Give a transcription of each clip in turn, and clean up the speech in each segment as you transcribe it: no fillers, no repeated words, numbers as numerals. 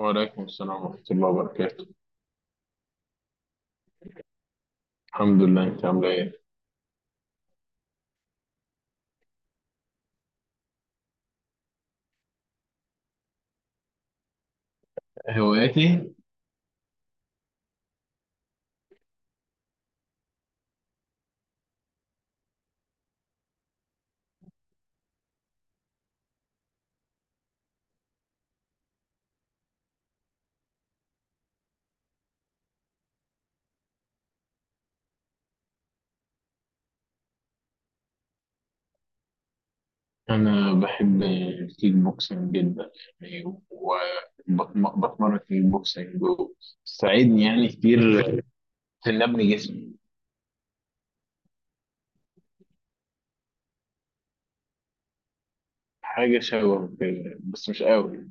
وعليكم السلام ورحمة الله وبركاته. الحمد لله، أنت عاملة إيه؟ هواياتي. أنا بحب الكيك بوكسنج جدا يعني، وبتمرن كيك بوكسنج وبتساعدني يعني كتير في إني أبني جسمي. حاجة شبه كده بس مش قوي.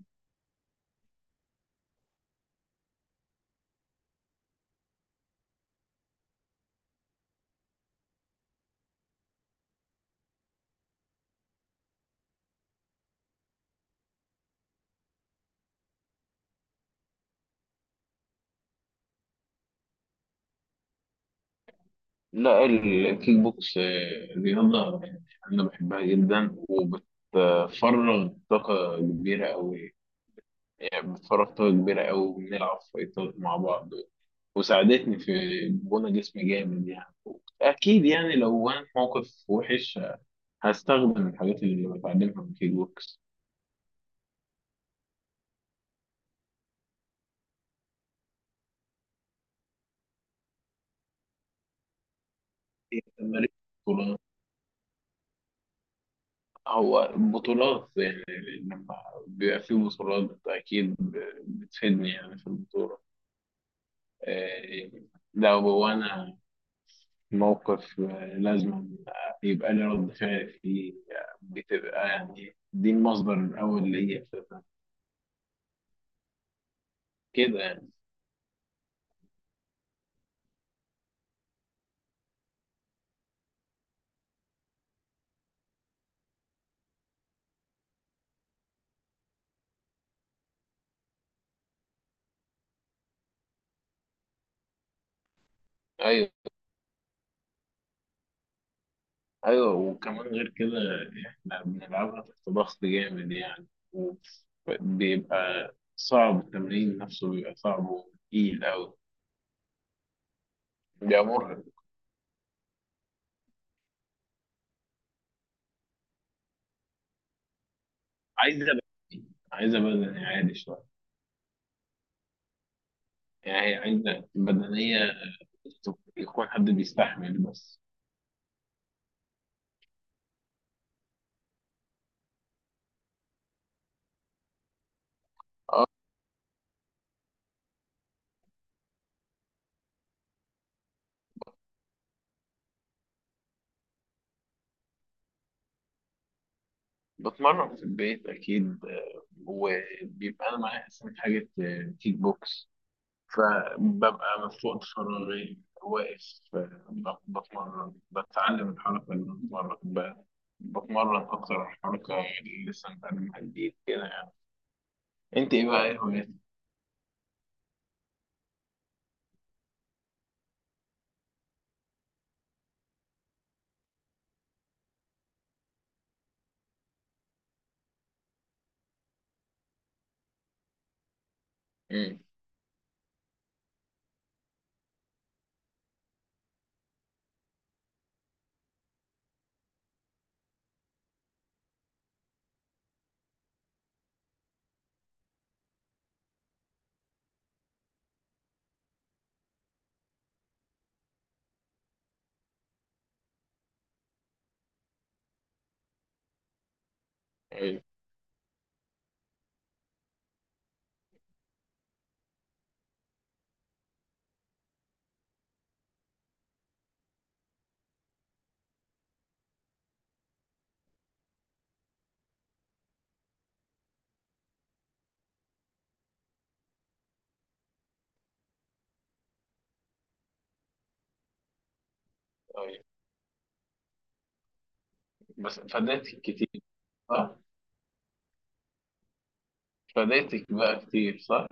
لا، الكيك بوكس رياضة أنا بحبها جدا وبتفرغ طاقة كبيرة أوي. يعني بتفرغ طاقة كبيرة أوي، بنلعب فايتات مع بعض وساعدتني في بنى جسمي جامد يعني. اكيد يعني لو انا في موقف وحش هستخدم الحاجات اللي بتعلمها من كيك بوكس. هي تمارين. بطولات، هو بطولات يعني. لما بيبقى في بطولات اكيد بتفيدني يعني في البطولة. آه، لو انا في موقف لازم يبقى لي رد فعل فيه. بتبقى يعني دي المصدر الاول ليا أساساً. كده يعني. ايوه، ايوه وكمان غير كده احنا بنلعبها تحت ضغط جامد يعني. بيبقى صعب، التمرين نفسه بيبقى صعب وتقيل أوي. بيبقى مرهق. عايزة بدني عايزة بدني عالي شوية، يعني هي عايزة بدنية يكون حد بيستحمل بس. اه، بتمرن في البيت أكيد وبيبقى أنا معايا أصلا حاجة كيك بوكس، فببقى مفقود فراغي واقف بتمرن، بتعلم الحركة اللي بتمرن بتمرن أكتر، الحركة اللي لسه متعلمها جديد كده يعني. أنت إيه بقى، إيه هواياتك؟ أمم، أيوه. أيوه بس فادتك كتير، صح؟ فادتك بقى كتير، صح؟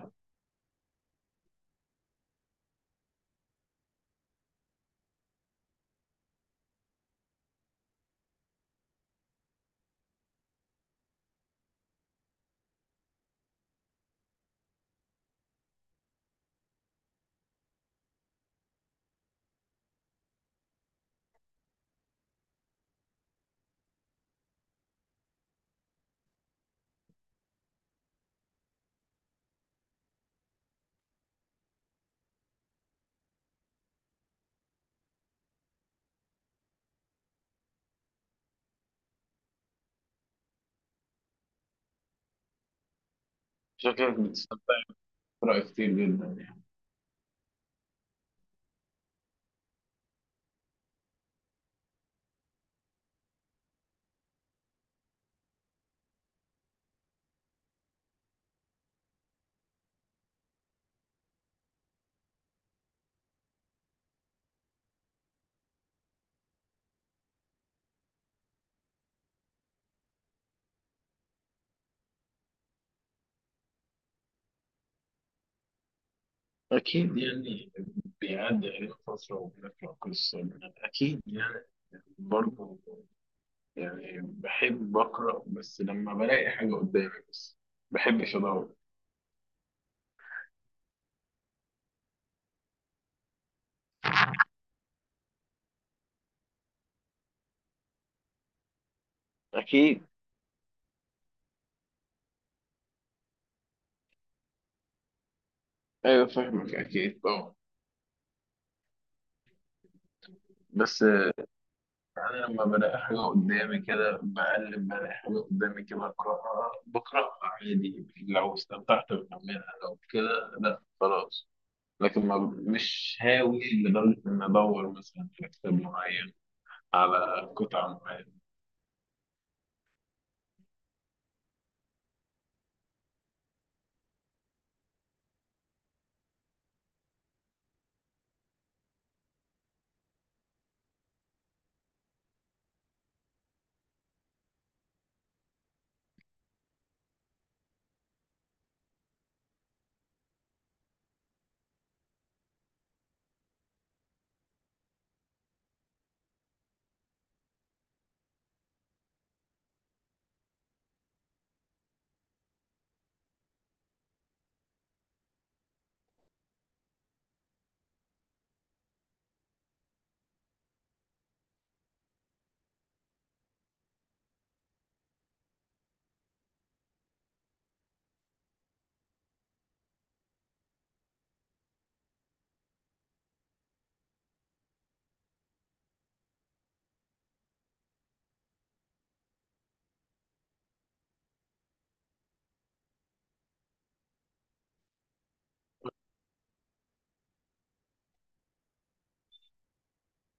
شكلك بتستمتعي بقراءة كتير جدا يعني. أكيد يعني، بيعدي علينا فترة وبنقرأ قصة. أكيد يعني، برضه يعني بحب أقرأ بس لما بلاقي حاجة قدامي بس، ما بحبش أدور. اكيد. أيوة، فاهمك أكيد طبعا. بس أنا لما بلاقي حاجة قدامي كده بقلب بلاقي حاجة قدامي كده أقرأها، بقرأها عادي، لو استمتعت بكملها لو كده، لأ خلاص. لكن ما مش هاوي لدرجة إن أدور مثلا على كتاب معين، على قطعة معينة.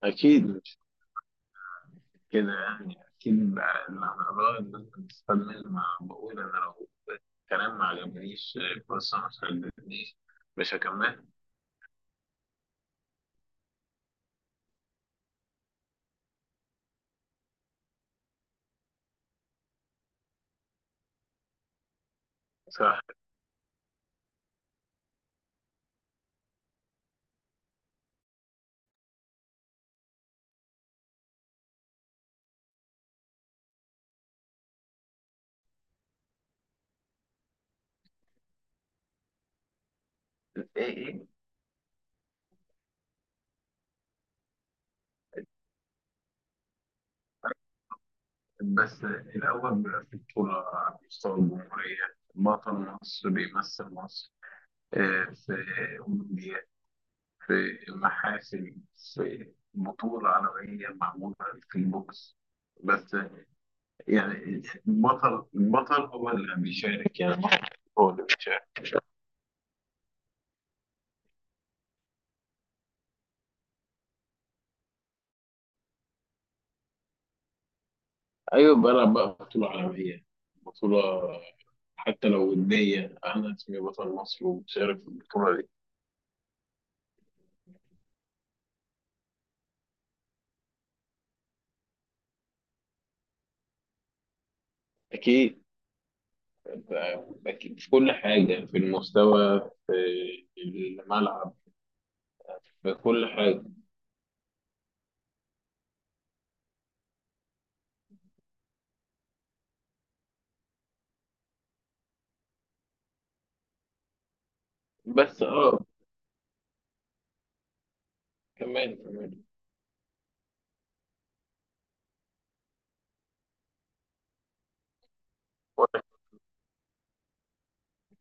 أكيد كده يعني، أكيد بقى اللي هنقراه الناس بتستفاد منه. ما بقول أنا لو الكلام ما عجبنيش، القصة ما شدتنيش، مش هكمل. صح. إيه، إيه. بس الأول بيبقى في بطولة على مستوى الجمهورية، بطل مصر بيمثل مصر في أولمبياد، في محاسن، في بطولة عالمية معمولة في البوكس بس. يعني البطل هو اللي بيشارك، يعني البطل هو اللي بيشارك. ايوه، بلعب بقى بطولة عالمية، بطولة، حتى لو ودية انا اسمي بطل مصر ومشارك في البطولة دي. اكيد، اكيد في كل حاجة، في المستوى، في الملعب، في كل حاجة. بس اه، كمان كمان. وأنا-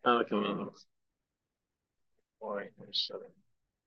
انا كمان أصلاً. وعليكم السلام.